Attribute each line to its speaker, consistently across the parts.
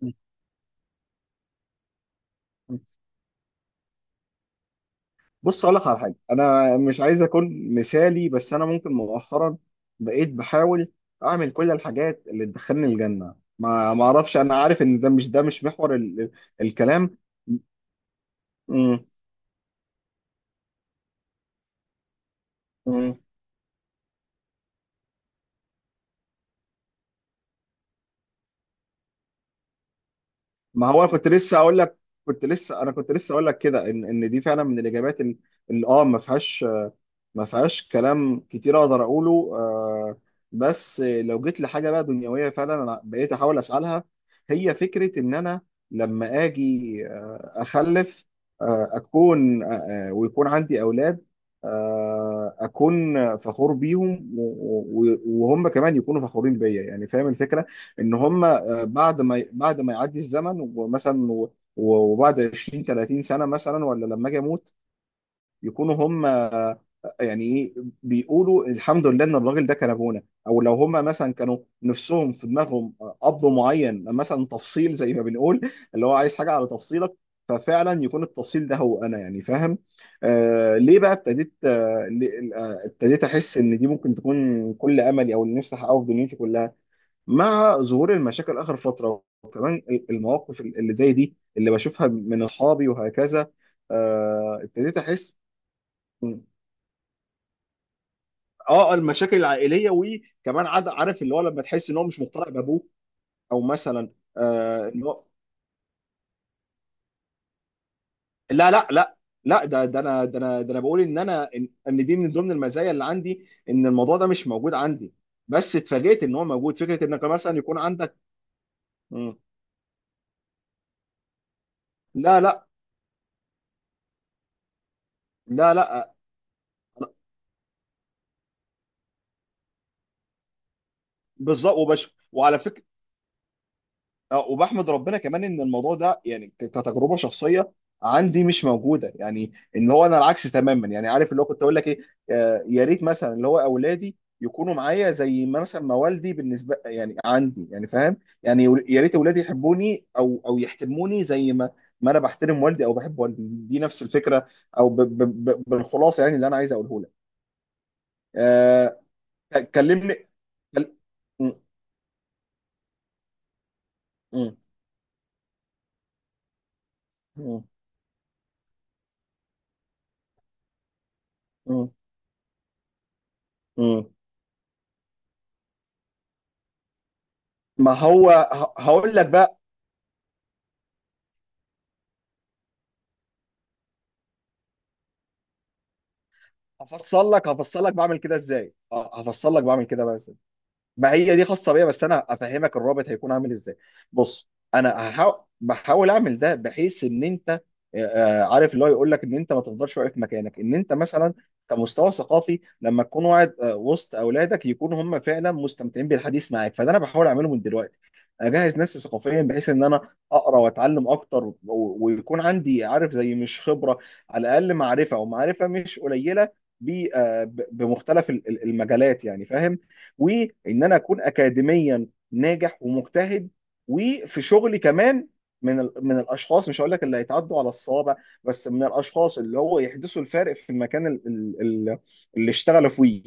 Speaker 1: مم. بص اقول لك على حاجه، انا مش عايز اكون مثالي، بس انا ممكن مؤخرا بقيت بحاول اعمل كل الحاجات اللي تدخلني الجنه. ما اعرفش. انا عارف ان ده مش محور ال ال الكلام. مم. مم. ما هو انا كنت لسه اقول لك كنت لسه انا كنت لسه اقول لك كده، ان دي فعلا من الاجابات اللي اللي اه ما فيهاش كلام كتير اقدر اقوله. بس لو جيت لحاجه بقى دنيويه، فعلا انا بقيت احاول اسالها. هي فكره ان انا لما اجي اخلف، آه، اكون آه، آه، ويكون عندي اولاد، اكون فخور بيهم، وهم كمان يكونوا فخورين بيا. يعني فاهم الفكره ان هم بعد ما يعدي الزمن، ومثلا وبعد 20 30 سنه مثلا، ولا لما اجي اموت يكونوا هم يعني ايه، بيقولوا الحمد لله ان الراجل ده كان ابونا. او لو هم مثلا كانوا نفسهم في دماغهم اب معين، مثلا تفصيل زي ما بنقول اللي هو عايز حاجه على تفصيلك، ففعلا يكون التفصيل ده هو انا. يعني فاهم. ليه بقى ابتديت آه ليه- آه، ابتديت احس ان دي ممكن تكون كل املي، او اللي نفسي احققه في دنيتي كلها، مع ظهور المشاكل اخر فتره، وكمان المواقف اللي زي دي اللي بشوفها من اصحابي وهكذا. ابتديت احس. اه، المشاكل العائليه، وكمان عاد عارف اللي هو لما تحس ان هو مش مقتنع بابوه، او مثلا ان هو. لا لا لا لا، ده انا بقول ان انا إن دي من ضمن المزايا اللي عندي، ان الموضوع ده مش موجود عندي، بس اتفاجئت ان هو موجود فكره انك مثلا يكون عندك. مم. لا لا لا لا. بالظبط، وعلى فكره. اه، وبحمد ربنا كمان ان الموضوع ده يعني كتجربه شخصيه عندي مش موجوده. يعني ان هو انا العكس تماما. يعني عارف اللي هو كنت اقول لك ايه، يا ريت مثلا اللي هو اولادي يكونوا معايا زي ما مثلا ما والدي بالنسبه يعني عندي. يعني فاهم. يعني يا ريت اولادي يحبوني او يحترموني، زي ما ما انا بحترم والدي او بحب والدي. دي نفس الفكره، او ب ب ب بالخلاصه يعني اللي انا عايز اقوله لك. آه، كلمني. كل- م- م- م- م- م- ما هو هقول لك بقى. هفصل لك بعمل كده بقى ازاي. ما هي دي خاصه بيا، بس انا افهمك الرابط هيكون عامل ازاي. بص، انا بحاول اعمل ده بحيث ان انت عارف اللي هو يقول لك ان انت ما تفضلش واقف مكانك، ان انت مثلا كمستوى ثقافي لما تكون قاعد وسط اولادك يكونوا هم فعلا مستمتعين بالحديث معاك. فده انا بحاول اعمله من دلوقتي، اجهز نفسي ثقافيا بحيث ان انا اقرا واتعلم اكتر، ويكون عندي، عارف زي مش خبره، على الاقل معرفه، ومعرفه مش قليله بمختلف المجالات. يعني فاهم. وان انا اكون اكاديميا ناجح ومجتهد، وفي شغلي كمان، من الاشخاص مش هقول لك اللي هيتعدوا على الصوابع، بس من الاشخاص اللي هو يحدثوا الفارق في المكان اللي اشتغلوا فيه.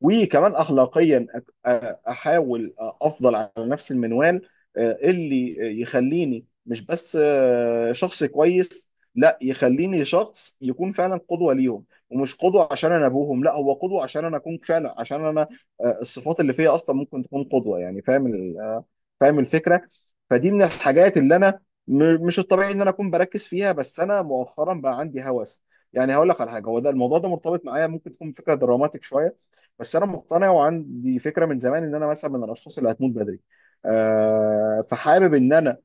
Speaker 1: وكمان اخلاقيا، احاول افضل على نفس المنوال، اللي يخليني مش بس شخص كويس، لا يخليني شخص يكون فعلا قدوة ليهم. ومش قدوة عشان انا ابوهم، لا هو قدوة عشان انا اكون فعلا، عشان انا الصفات اللي فيا اصلا ممكن تكون قدوه. يعني فاهم ال- آه، فاهم الفكره. فدي من الحاجات اللي انا مش الطبيعي ان انا اكون بركز فيها، بس انا مؤخرا بقى عندي هوس. يعني هقول لك على حاجه، هو ده الموضوع ده مرتبط معايا، ممكن تكون فكره دراماتيك شويه، بس انا مقتنع وعندي فكره من زمان ان انا مثلا من الاشخاص اللي هتموت بدري. فحابب ان انا...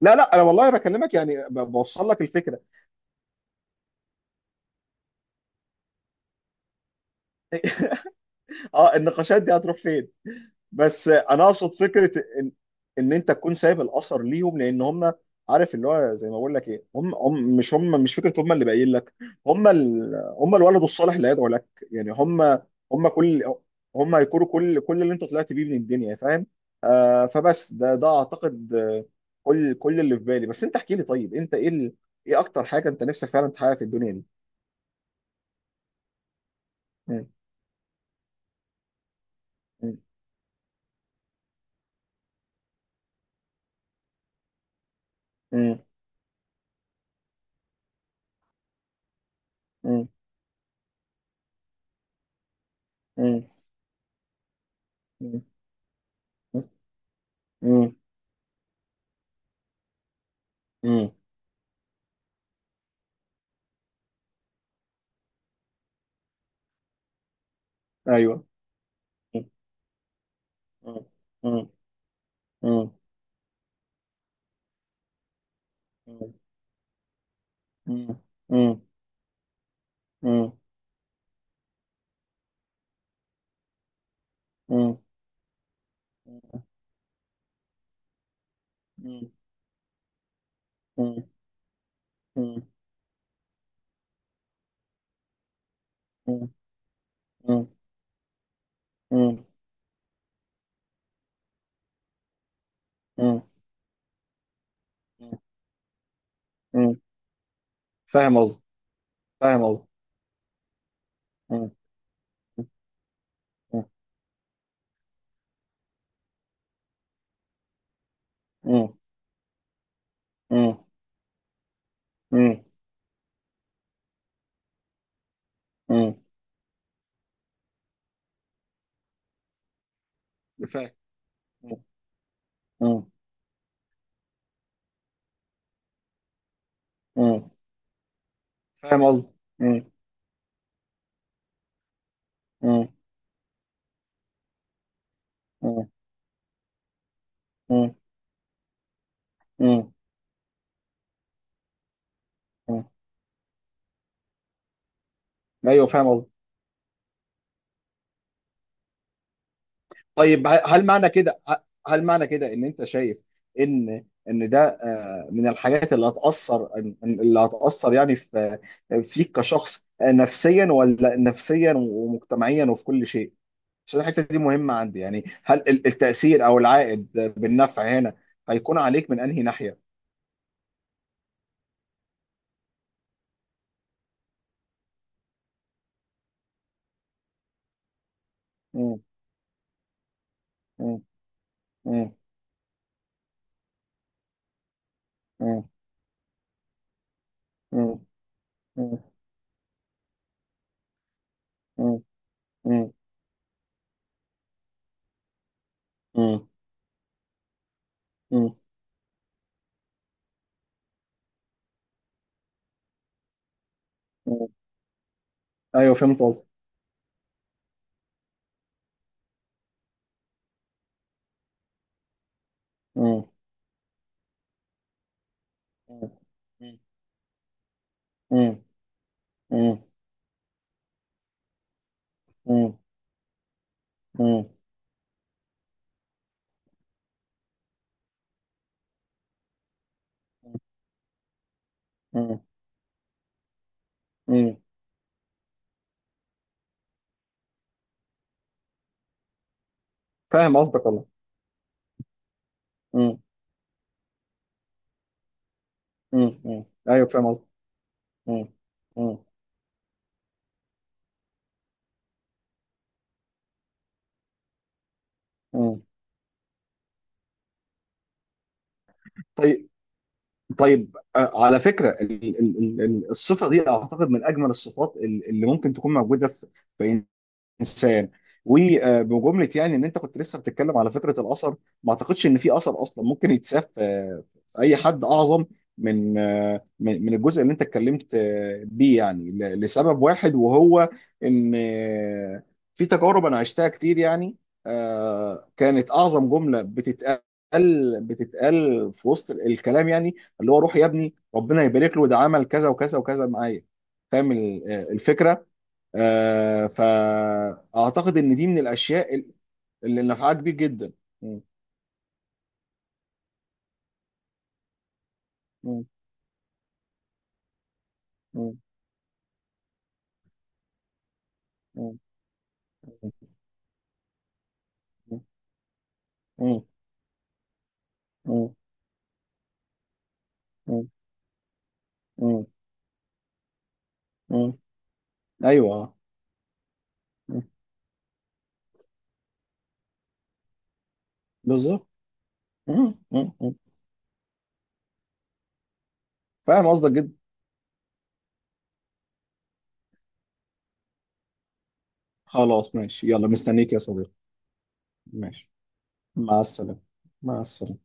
Speaker 1: لا لا، انا والله بكلمك يعني بوصل لك الفكره. اه، النقاشات دي هتروح فين. بس انا اقصد فكره ان ان انت تكون سايب الاثر ليهم، لان هم، عارف اللي هو زي ما بقول لك ايه، هم مش فكره. هم اللي باين لك، هم الولد الصالح اللي هيدعو لك. يعني هم، هم كل هم هيكونوا كل اللي انت طلعت بيه من الدنيا. فاهم. فبس ده اعتقد، كل اللي في بالي. بس انت احكي لي، طيب انت ايه ال... ايه اكتر حاجه انت نفسك فعلا تحققها في الدنيا دي؟ م- م- م- م- م- م- م- م- م- ايوه. مم. مم. مم. مم. مم. مم. مم. مم. فاهم قصدي. فاهم قصدي. فاهم. فاهم قصدي. ايوه، فاهم قصدي. طيب، هل معنى كده ان انت شايف ان ده من الحاجات اللي هتأثر يعني في فيك كشخص، نفسيا، ولا نفسيا ومجتمعيا وفي كل شيء. عشان الحتة دي مهمة عندي. يعني هل التأثير او العائد بالنفع هنا هيكون عليك من انهي ناحية؟ مم، مم، مم، مم، مم، مم، مم، مم، مم، مم، مم. ايوه، فهمت قصدك. مم، مم، مم، مم، مم. مم. مم. مم. فاهم قصدك والله. مم. مم. مم. ايوه، فاهم قصدك. مم. مم. مم. طيب. طيب، على فكره الصفه دي اعتقد من اجمل الصفات اللي ممكن تكون موجوده في انسان. وبجمله، يعني ان انت كنت لسه بتتكلم على فكره الاثر. ما اعتقدش ان في اثر اصلا ممكن يتساف في اي حد اعظم من من الجزء اللي انت اتكلمت بيه. يعني لسبب واحد، وهو ان في تجارب انا عشتها كتير. يعني كانت اعظم جمله بتتقال، في وسط الكلام يعني اللي هو روح يا ابني، ربنا يبارك له، ده عمل كذا وكذا وكذا معايا. فاهم الفكره. فأعتقد إن دي من الأشياء اللي نفعها كبير جدا. مم. مم. مم. مم. مم. مم. مم. مم. مم. أيوه. مم. بالظبط. مم. مم. مم. فاهم قصدك جدا. خلاص، ماشي، يلا، مستنيك يا صديقي. ماشي، مع السلامة. مع السلامة.